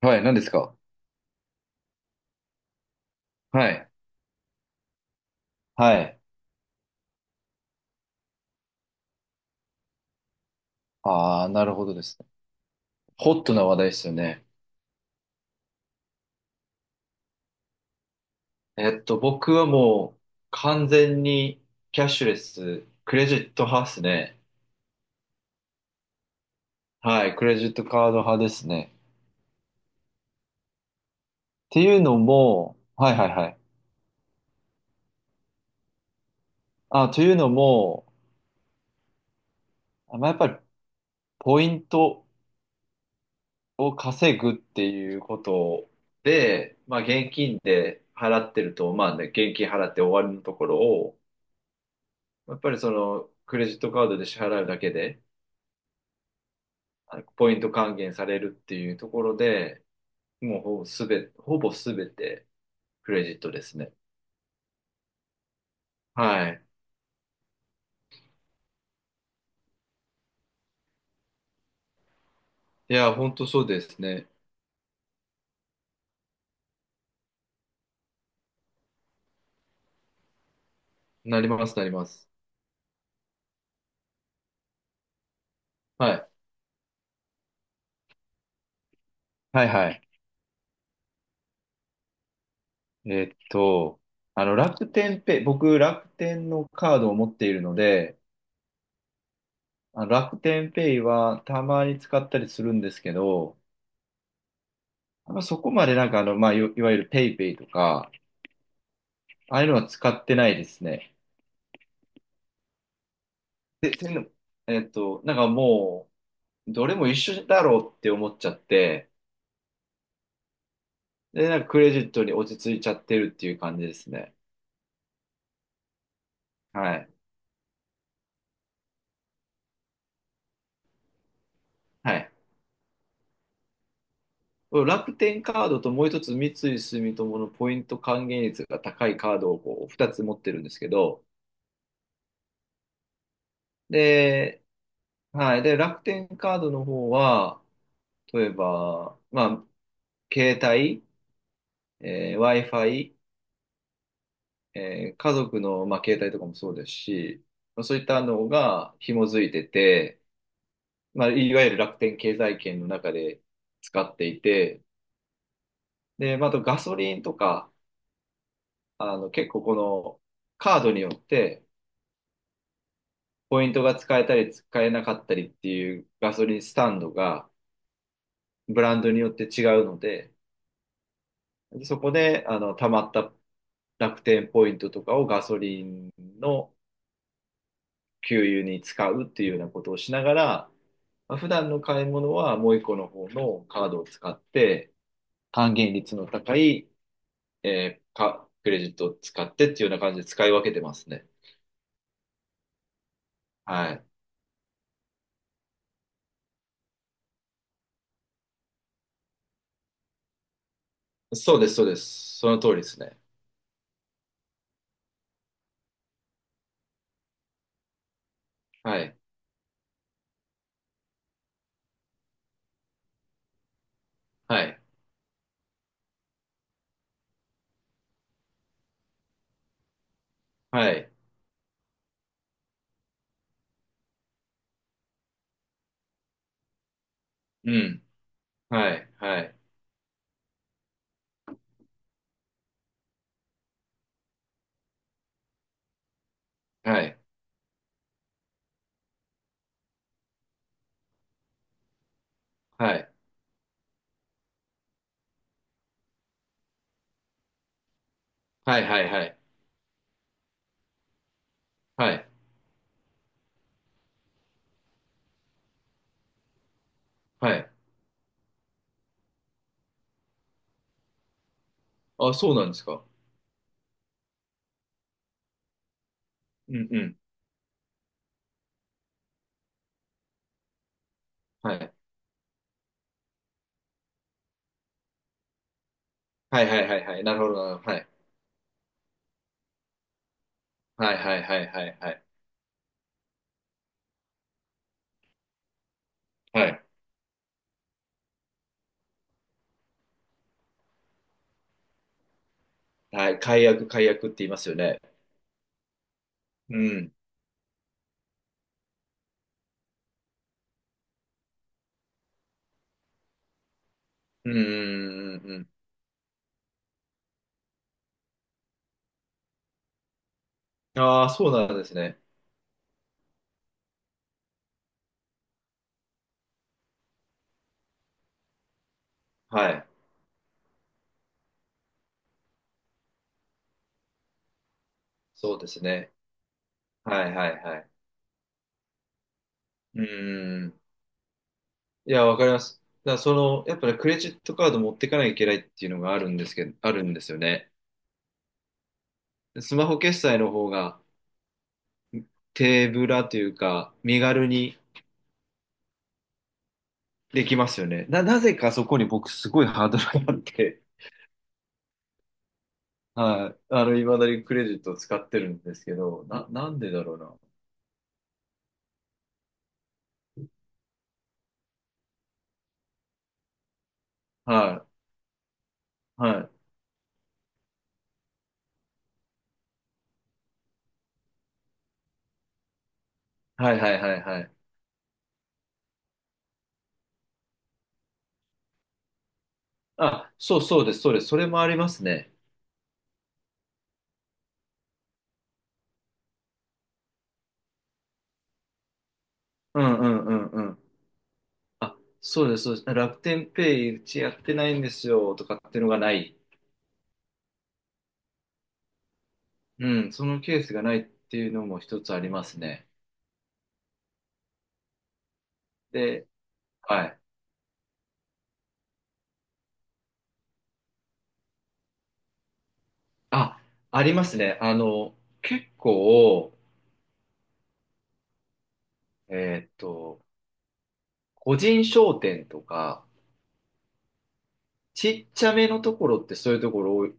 はい、何ですか？はい。はい。ああ、なるほどですね。ホットな話題ですよね。僕はもう完全にキャッシュレス、クレジット派ですね。はい、クレジットカード派ですね。っていうのも、はいはいはい。あ、というのも、まあ、やっぱりポイントを稼ぐっていうことで、まあ現金で払ってると、まあね、現金払って終わりのところを、やっぱりそのクレジットカードで支払うだけで、あのポイント還元されるっていうところで、もうほぼすべてクレジットですね。はい。いや、本当そうですね。なります、なります。はい。はいはい。えーっと、あの、楽天ペイ、僕、楽天のカードを持っているので、あの楽天ペイはたまに使ったりするんですけど、あんまそこまでなんかあの、まあ、いわゆるペイペイとか、ああいうのは使ってないですね。で、そんのなんかもう、どれも一緒だろうって思っちゃって、で、なんかクレジットに落ち着いちゃってるっていう感じですね。はい。はい。楽天カードともう一つ三井住友のポイント還元率が高いカードをこう二つ持ってるんですけど、で、はい。で、楽天カードの方は、例えば、まあ、携帯、Wi-Fi、家族の、まあ、携帯とかもそうですし、そういったのが紐づいてて、まあ、いわゆる楽天経済圏の中で使っていて、で、まあ、あとガソリンとか、あの、結構このカードによってポイントが使えたり使えなかったりっていうガソリンスタンドがブランドによって違うので、でそこで、あの、溜まった楽天ポイントとかをガソリンの給油に使うっていうようなことをしながら、まあ普段の買い物はもう一個の方のカードを使って、還元率の高いか、クレジットを使ってっていうような感じで使い分けてますね。はい。そうです、そうです。その通りですね。はい。はい。はい。うん。はい。はい。はい。はい。はい。はい。はい。はい。はい。あ、そうなんですか？うん。うん。はい。はい。はい。はい。はい。なるほど、なるほど。はい。はい。はい。はい。はい。はい。はい。はい。解約、解約って言いますよね。うん。うん。うん。うん。ああそうなんですね。はい。そうですね。はい。はい。はい。うん。いや、わかります。だからその、やっぱね、クレジットカード持ってかなきゃいけないっていうのがあるんですけど、あるんですよね。スマホ決済の方が手ぶらというか、身軽にできますよね。なぜかそこに僕すごいハードルがあって、はい。あの、未だにクレジットを使ってるんですけど、なんでだろうな。はい。はい。はいはいはいはい。あ、そうそうです、そうです。それもありますね。うんうんうんうん。あ、そうです、そうです。楽天ペイうちやってないんですよとかっていうのがない。うん、そのケースがないっていうのも一つありますね。で、はい。あ、ありますね。あの、結構、えーっと、個人商店とか、ちっちゃめのところってそういうところ多い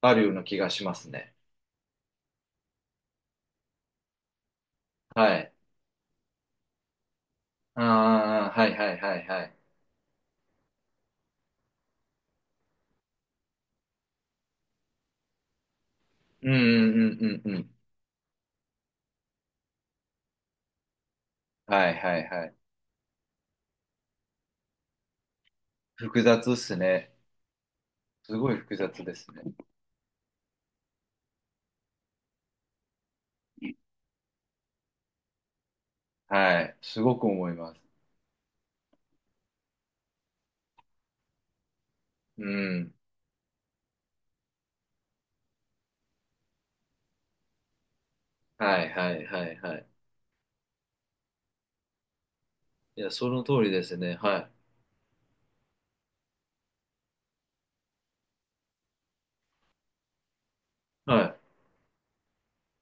あるような気がしますね。はい。ああ、はいはいはいはい。うんうんうんうんうん。はいはいはい。複雑っすね。すごい複雑ですね。はい。すごく思います。うん。はいはいはいはい。いや、その通りですね。はい。はい。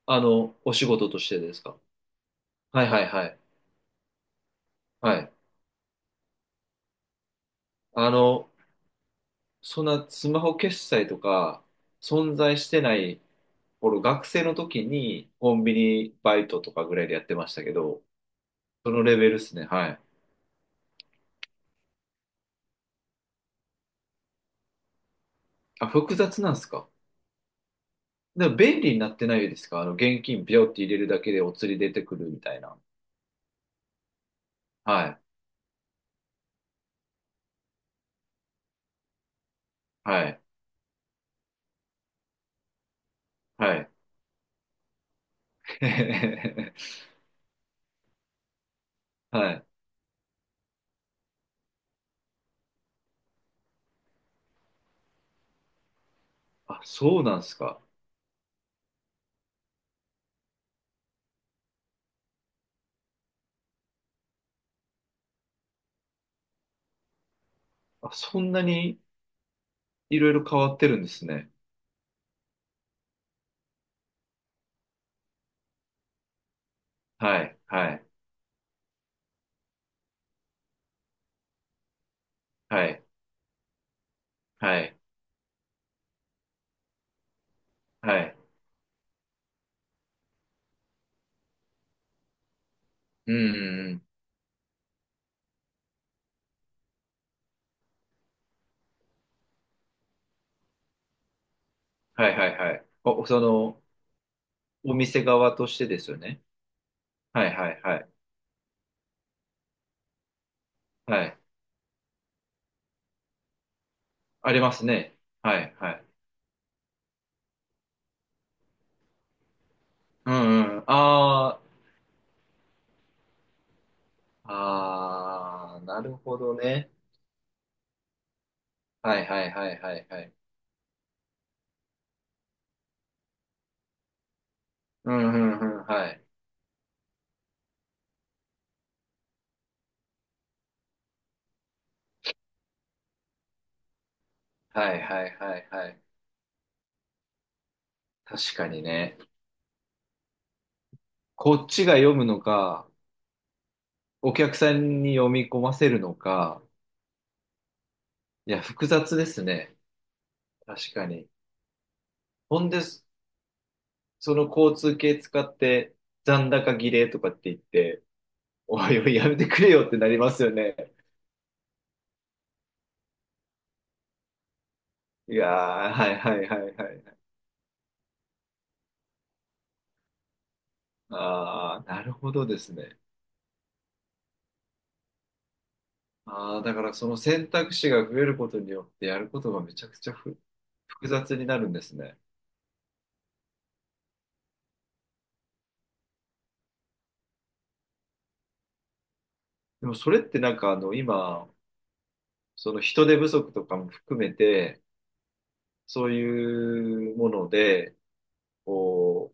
あの、お仕事としてですか？はいはいはい。はい。あの、そんなスマホ決済とか存在してない頃、学生の時にコンビニバイトとかぐらいでやってましたけど、そのレベルですね。はい。あ、複雑なんですか？でも便利になってないですか？あの、現金ビョって入れるだけでお釣り出てくるみたいな。はい。はい。はい。はい。あ、そうなんですか？あ、そんなに？いろいろ変わってるんですね。はい。はい。はい。はい。はい。うん、うんうん。はいはいはい。お、その、お店側としてですよね。はいはいはい。はい。ありますね。はいはい。うんうん。ああ、ああ、なるほどね。はいはいはいはいはい。うんうんうん。はい。はいはいはいはい。確かにね。こっちが読むのか、お客さんに読み込ませるのか。いや、複雑ですね。確かに。ほんです。その交通系使って残高儀礼とかって言って、おいおいやめてくれよってなりますよね。いやー、はいはいはいはい。ああ、なるほどですね。ああ、だからその選択肢が増えることによってやることがめちゃくちゃ複雑になるんですね。でもそれってなんかあの今、その人手不足とかも含めて、そういうもので、こ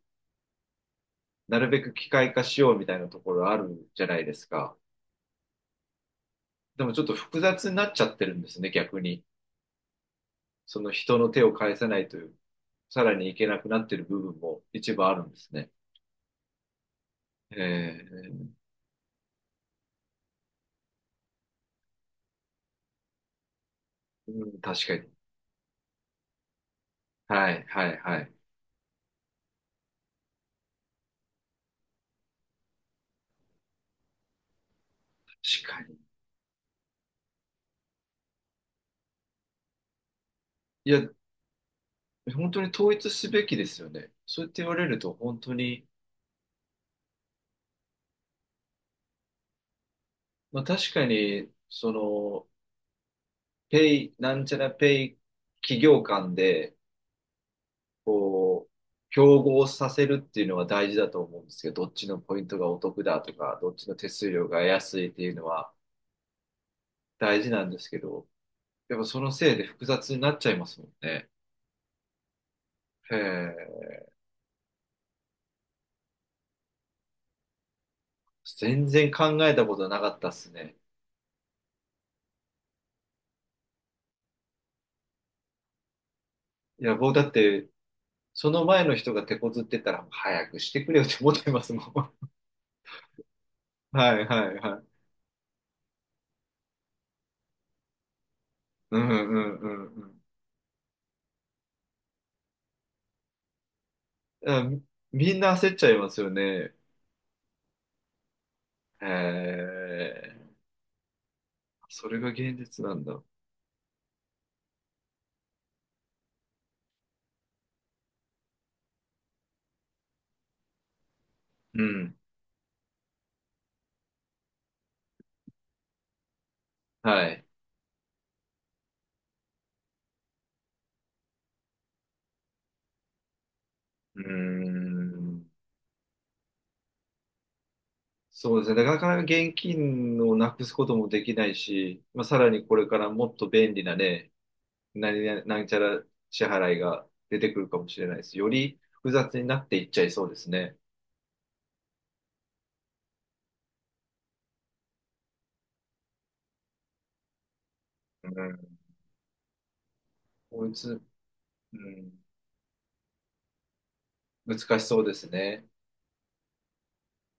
う、なるべく機械化しようみたいなところあるじゃないですか。でもちょっと複雑になっちゃってるんですね、逆に。その人の手を返さないという、さらにいけなくなってる部分も一部あるんですね。えー、うん確かに。はい、はい、はい。確かに。いや、本当に統一すべきですよね。そうやって言われると本当に、まあ確かに、その、ペイ、なんちゃらペイ企業間で、こう、競合させるっていうのは大事だと思うんですけど、どっちのポイントがお得だとか、どっちの手数料が安いっていうのは、大事なんですけど、やっぱそのせいで複雑になっちゃいますもんね。へえ、全然考えたことなかったっすね。いや、僕だって、その前の人が手こずってたら、早くしてくれよって思ってますもん。はいはいはい。うんうんうんうん。だみんな焦っちゃいますよね。へえ、それが現実なんだ。うん。はい。うーん。そうですね。なかなか現金をなくすこともできないし、まあ、さらにこれからもっと便利なね、何々、なんちゃら支払いが出てくるかもしれないです。より複雑になっていっちゃいそうですね。うん。こいつ、うん、難しそうですね。